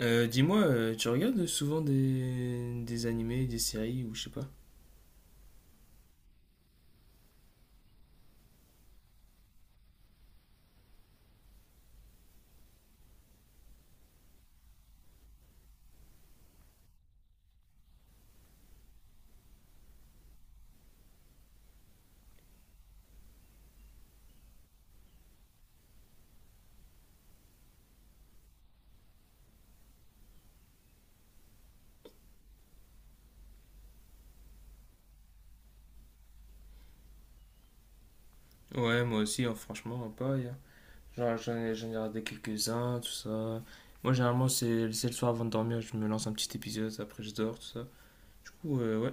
Dis-moi, tu regardes souvent des animés, des séries ou je sais pas? Ouais, moi aussi, hein, franchement, pas. Genre, j'en ai regardé quelques-uns, tout ça. Moi, généralement, c'est le soir avant de dormir, je me lance un petit épisode, après je dors, tout ça. Du coup, ouais.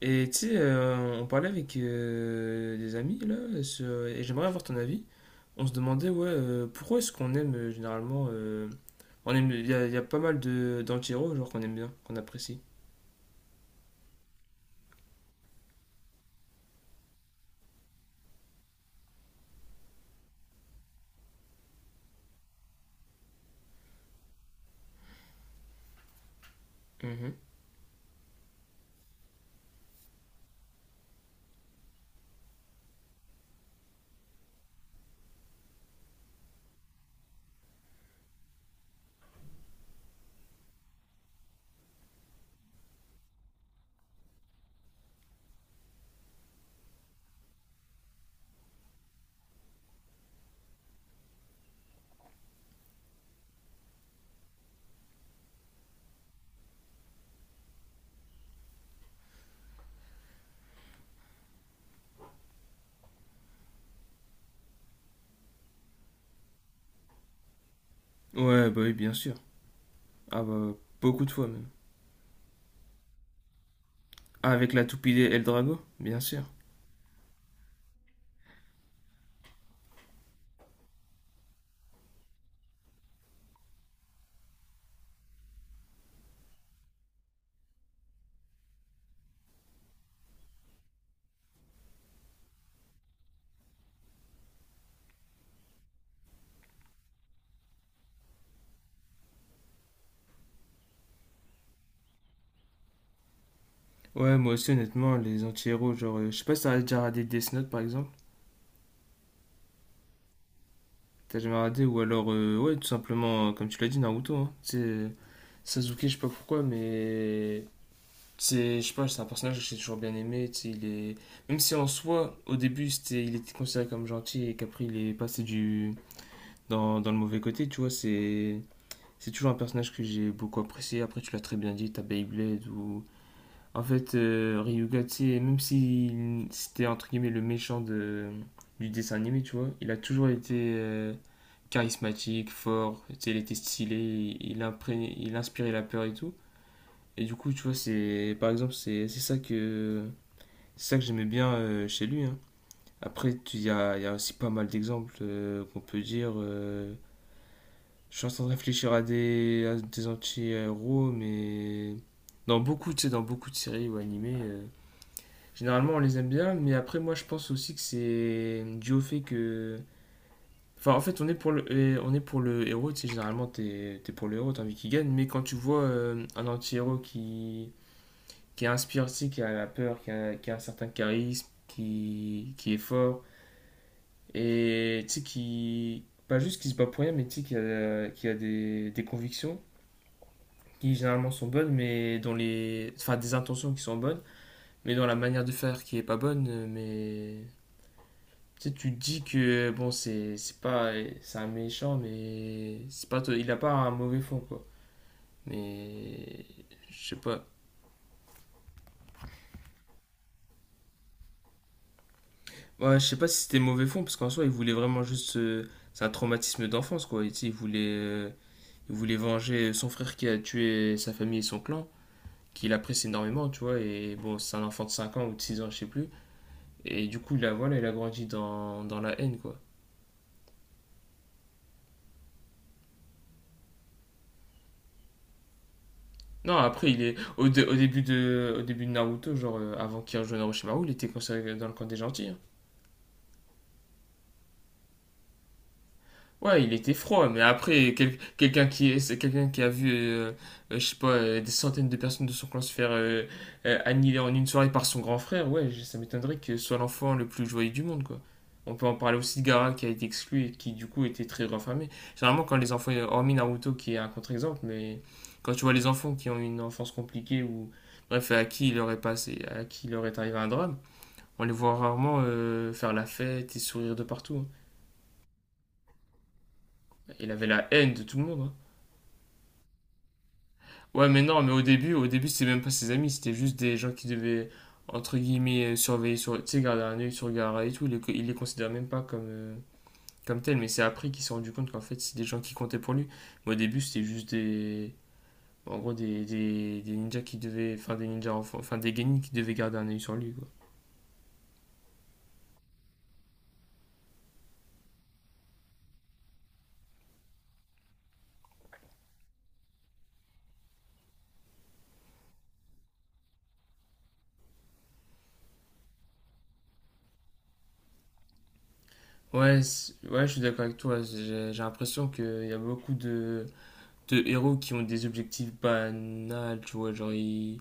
Et tu sais, on parlait avec des amis, là, et j'aimerais avoir ton avis. On se demandait, ouais, pourquoi est-ce qu'on aime généralement. On aime, il y a pas mal de d'anti-héros, genre qu'on aime bien, qu'on apprécie. Mhm. Ouais, bah oui, bien sûr. Ah bah, beaucoup de fois même. Ah, avec la toupie El Drago, bien sûr. Ouais, moi aussi, honnêtement, les anti-héros, genre, je sais pas si t'as déjà regardé Death Note par exemple. T'as jamais regardé, ou alors, ouais, tout simplement, comme tu l'as dit, Naruto, hein. Tu Sasuke, je sais pas pourquoi, mais. Je sais pas, c'est un personnage que j'ai toujours bien aimé, tu sais, il est. Même si en soi, au début, il était considéré comme gentil et qu'après, il est passé du. Dans le mauvais côté, tu vois, c'est. C'est toujours un personnage que j'ai beaucoup apprécié. Après, tu l'as très bien dit, t'as Beyblade ou. En fait, Ryuga, tu sais, même si c'était entre guillemets le méchant du dessin animé, tu vois, il a toujours été charismatique, fort, tu sais, il était stylé, il inspirait la peur et tout. Et du coup, tu vois, c'est par exemple, c'est ça que j'aimais bien chez lui, hein. Après, il y a aussi pas mal d'exemples qu'on peut dire. Je suis en train de réfléchir à des anti-héros, mais dans beaucoup, tu sais, dans beaucoup de séries ou animés. Généralement, on les aime bien, mais après, moi, je pense aussi que c'est dû au fait que. Enfin, en fait, on est pour le, et on est pour le héros, tu sais, généralement, t'es pour le héros, t'as envie qu'il gagne, mais quand tu vois un anti-héros qui inspire, tu sais, qui a la peur, qui a un certain charisme, qui est fort, et tu sais, qui. Pas juste qui se bat pour rien, mais tu sais, qui a des convictions, qui généralement sont bonnes, mais dont les. Enfin, des intentions qui sont bonnes, mais dans la manière de faire qui est pas bonne, mais tu sais, tu te dis que bon, c'est pas, c'est un méchant, mais c'est pas, il a pas un mauvais fond quoi. Mais je sais pas. Ouais, je sais pas si c'était mauvais fond parce qu'en soi, il voulait vraiment juste c'est un traumatisme d'enfance quoi. Et tu sais, il voulait venger son frère qui a tué sa famille et son clan, qu'il apprécie énormément, tu vois. Et bon, c'est un enfant de 5 ans ou de 6 ans, je sais plus. Et du coup, là voilà, il a grandi dans la haine quoi. Non, après, il est au, dé- au début de Naruto, genre avant qu'il rejoigne Orochimaru, il était considéré dans le camp des gentils, hein. Ouais, il était froid, mais après, quelqu'un c'est quelqu'un qui a vu, je sais pas, des centaines de personnes de son clan se faire annihiler en une soirée par son grand frère, ouais, ça m'étonnerait que ce soit l'enfant le plus joyeux du monde, quoi. On peut en parler aussi de Gaara qui a été exclu et qui, du coup, était très renfermé. Généralement, quand les enfants, hormis Naruto qui est un contre-exemple, mais quand tu vois les enfants qui ont une enfance compliquée ou, bref, à qui il leur est arrivé un drame, on les voit rarement faire la fête et sourire de partout, hein. Il avait la haine de tout le monde, hein. Ouais, mais non, mais au début, c'était même pas ses amis, c'était juste des gens qui devaient, entre guillemets, surveiller tu sais, garder un œil sur Gaara et tout. Il les considère même pas comme tels, mais c'est après qu'il s'est rendu compte qu'en fait, c'est des gens qui comptaient pour lui. Mais au début, c'était juste en gros, des ninjas qui devaient, enfin, des ninjas enfants, enfin, des genin qui devaient garder un œil sur lui, quoi. Ouais, ouais, je suis d'accord avec toi. J'ai l'impression qu'il y a beaucoup de héros qui ont des objectifs banals, tu vois, genre, ils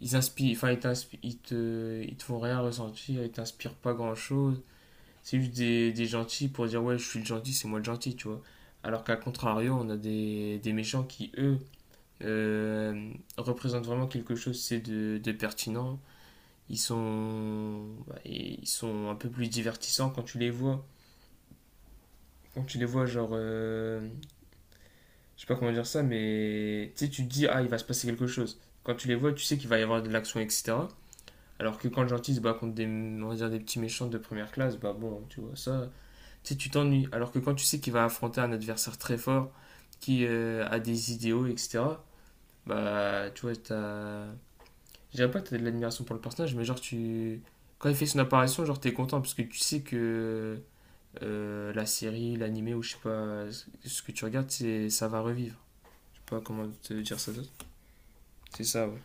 ils inspirent, enfin, ils te font rien ressentir, ils t'inspirent pas grand chose. C'est juste des gentils pour dire ouais, je suis le gentil, c'est moi le gentil, tu vois. Alors qu'à contrario, on a des méchants qui, eux, euh, représentent vraiment quelque chose, c'est de pertinent. Ils sont, bah, ils sont un peu plus divertissants quand tu les vois. Quand tu les vois, genre, je sais pas comment dire ça, mais tu sais, tu te dis, ah, il va se passer quelque chose. Quand tu les vois, tu sais qu'il va y avoir de l'action, etc. Alors que quand le gentil se bat contre on va dire, des petits méchants de première classe, bah bon, tu vois, ça, tu sais, tu t'ennuies. Alors que quand tu sais qu'il va affronter un adversaire très fort, qui a des idéaux, etc., bah, tu vois, t'as. Je dirais pas que t'as de l'admiration pour le personnage, mais genre, tu. Quand il fait son apparition, genre, t'es content, parce que tu sais que la série, l'animé, ou je sais pas, ce que tu regardes, c'est ça va revivre. Je sais pas comment te dire ça d'autre. C'est ça, ouais.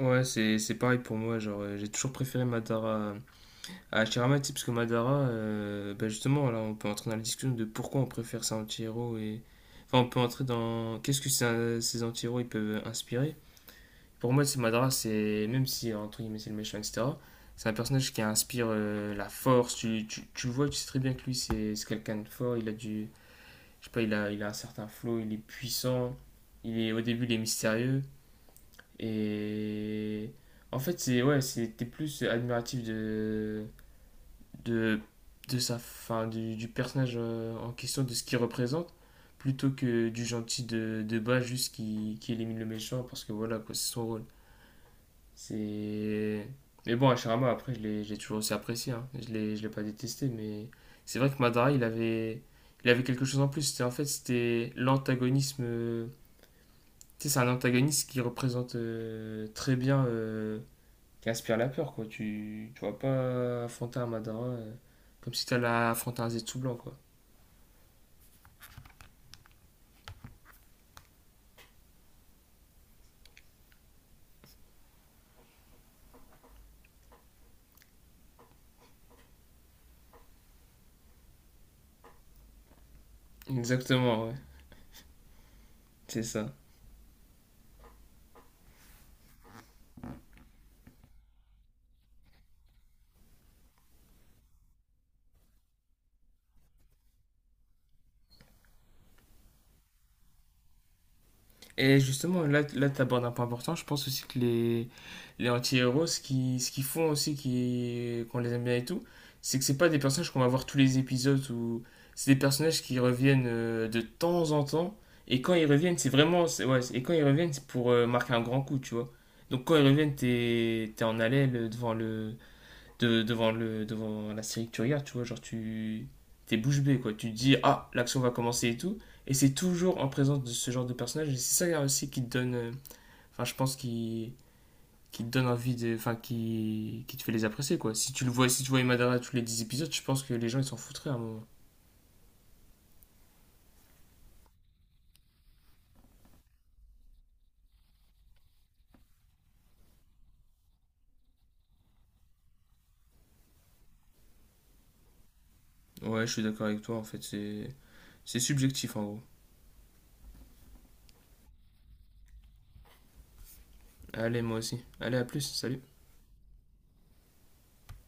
Ouais, c'est pareil pour moi, genre, j'ai toujours préféré Madara à Chiramati, parce que Madara, bah justement, là, on peut entrer dans la discussion de pourquoi on préfère ces anti-héros et. Enfin, on peut entrer dans. Qu'est-ce que ces, anti-héros ils peuvent inspirer. Pour moi, c'est Madara, c'est. Même si, entre guillemets, c'est le méchant, etc., c'est un personnage qui inspire la force. Tu le vois, tu sais très bien que lui, c'est quelqu'un de fort. Il a du. Je sais pas, il a un certain flow, il est puissant. Au début, il est mystérieux. Et. En fait, c'est. Ouais, c'était plus admiratif de, de sa, fin, du personnage en question, de ce qu'il représente, plutôt que du gentil de bas juste qui élimine le méchant parce que voilà, quoi, c'est son rôle. C'est. Mais bon, Hashirama, après, j'ai toujours aussi apprécié, hein. Je l'ai pas détesté, mais c'est vrai que Madara, il avait quelque chose en plus. En fait, c'était l'antagonisme. Tu sais, c'est un antagoniste qui représente très bien qui aspire la peur, quoi. Tu vas pas affronter un Madara comme si t'allais affronter un Zetsu blanc, quoi. Exactement, ouais. C'est ça. Et justement, là, tu abordes un point important. Je pense aussi que les anti-héros, ce qu'ils font aussi, qu'on les aime bien et tout, c'est que c'est pas des personnages qu'on va voir tous les épisodes ou c'est des personnages qui reviennent de temps en temps. Et quand ils reviennent, c'est vraiment, c'est- ouais, et quand ils reviennent, c'est pour marquer un grand coup, tu vois. Donc quand ils reviennent, t'es en haleine devant le, de, devant, le, devant la série que tu regardes, tu vois, genre tu t'es bouche bée, quoi. Tu te dis, ah, l'action va commencer et tout. Et c'est toujours en présence de ce genre de personnage. Et c'est ça aussi qui te donne, enfin, je pense, qui te donne envie enfin, qui te fait les apprécier, quoi. Si tu vois Imadara tous les 10 épisodes, je pense que les gens, ils s'en foutraient à un moment. Ouais, je suis d'accord avec toi, en fait. C'est subjectif, en gros. Allez, moi aussi. Allez, à plus. Salut.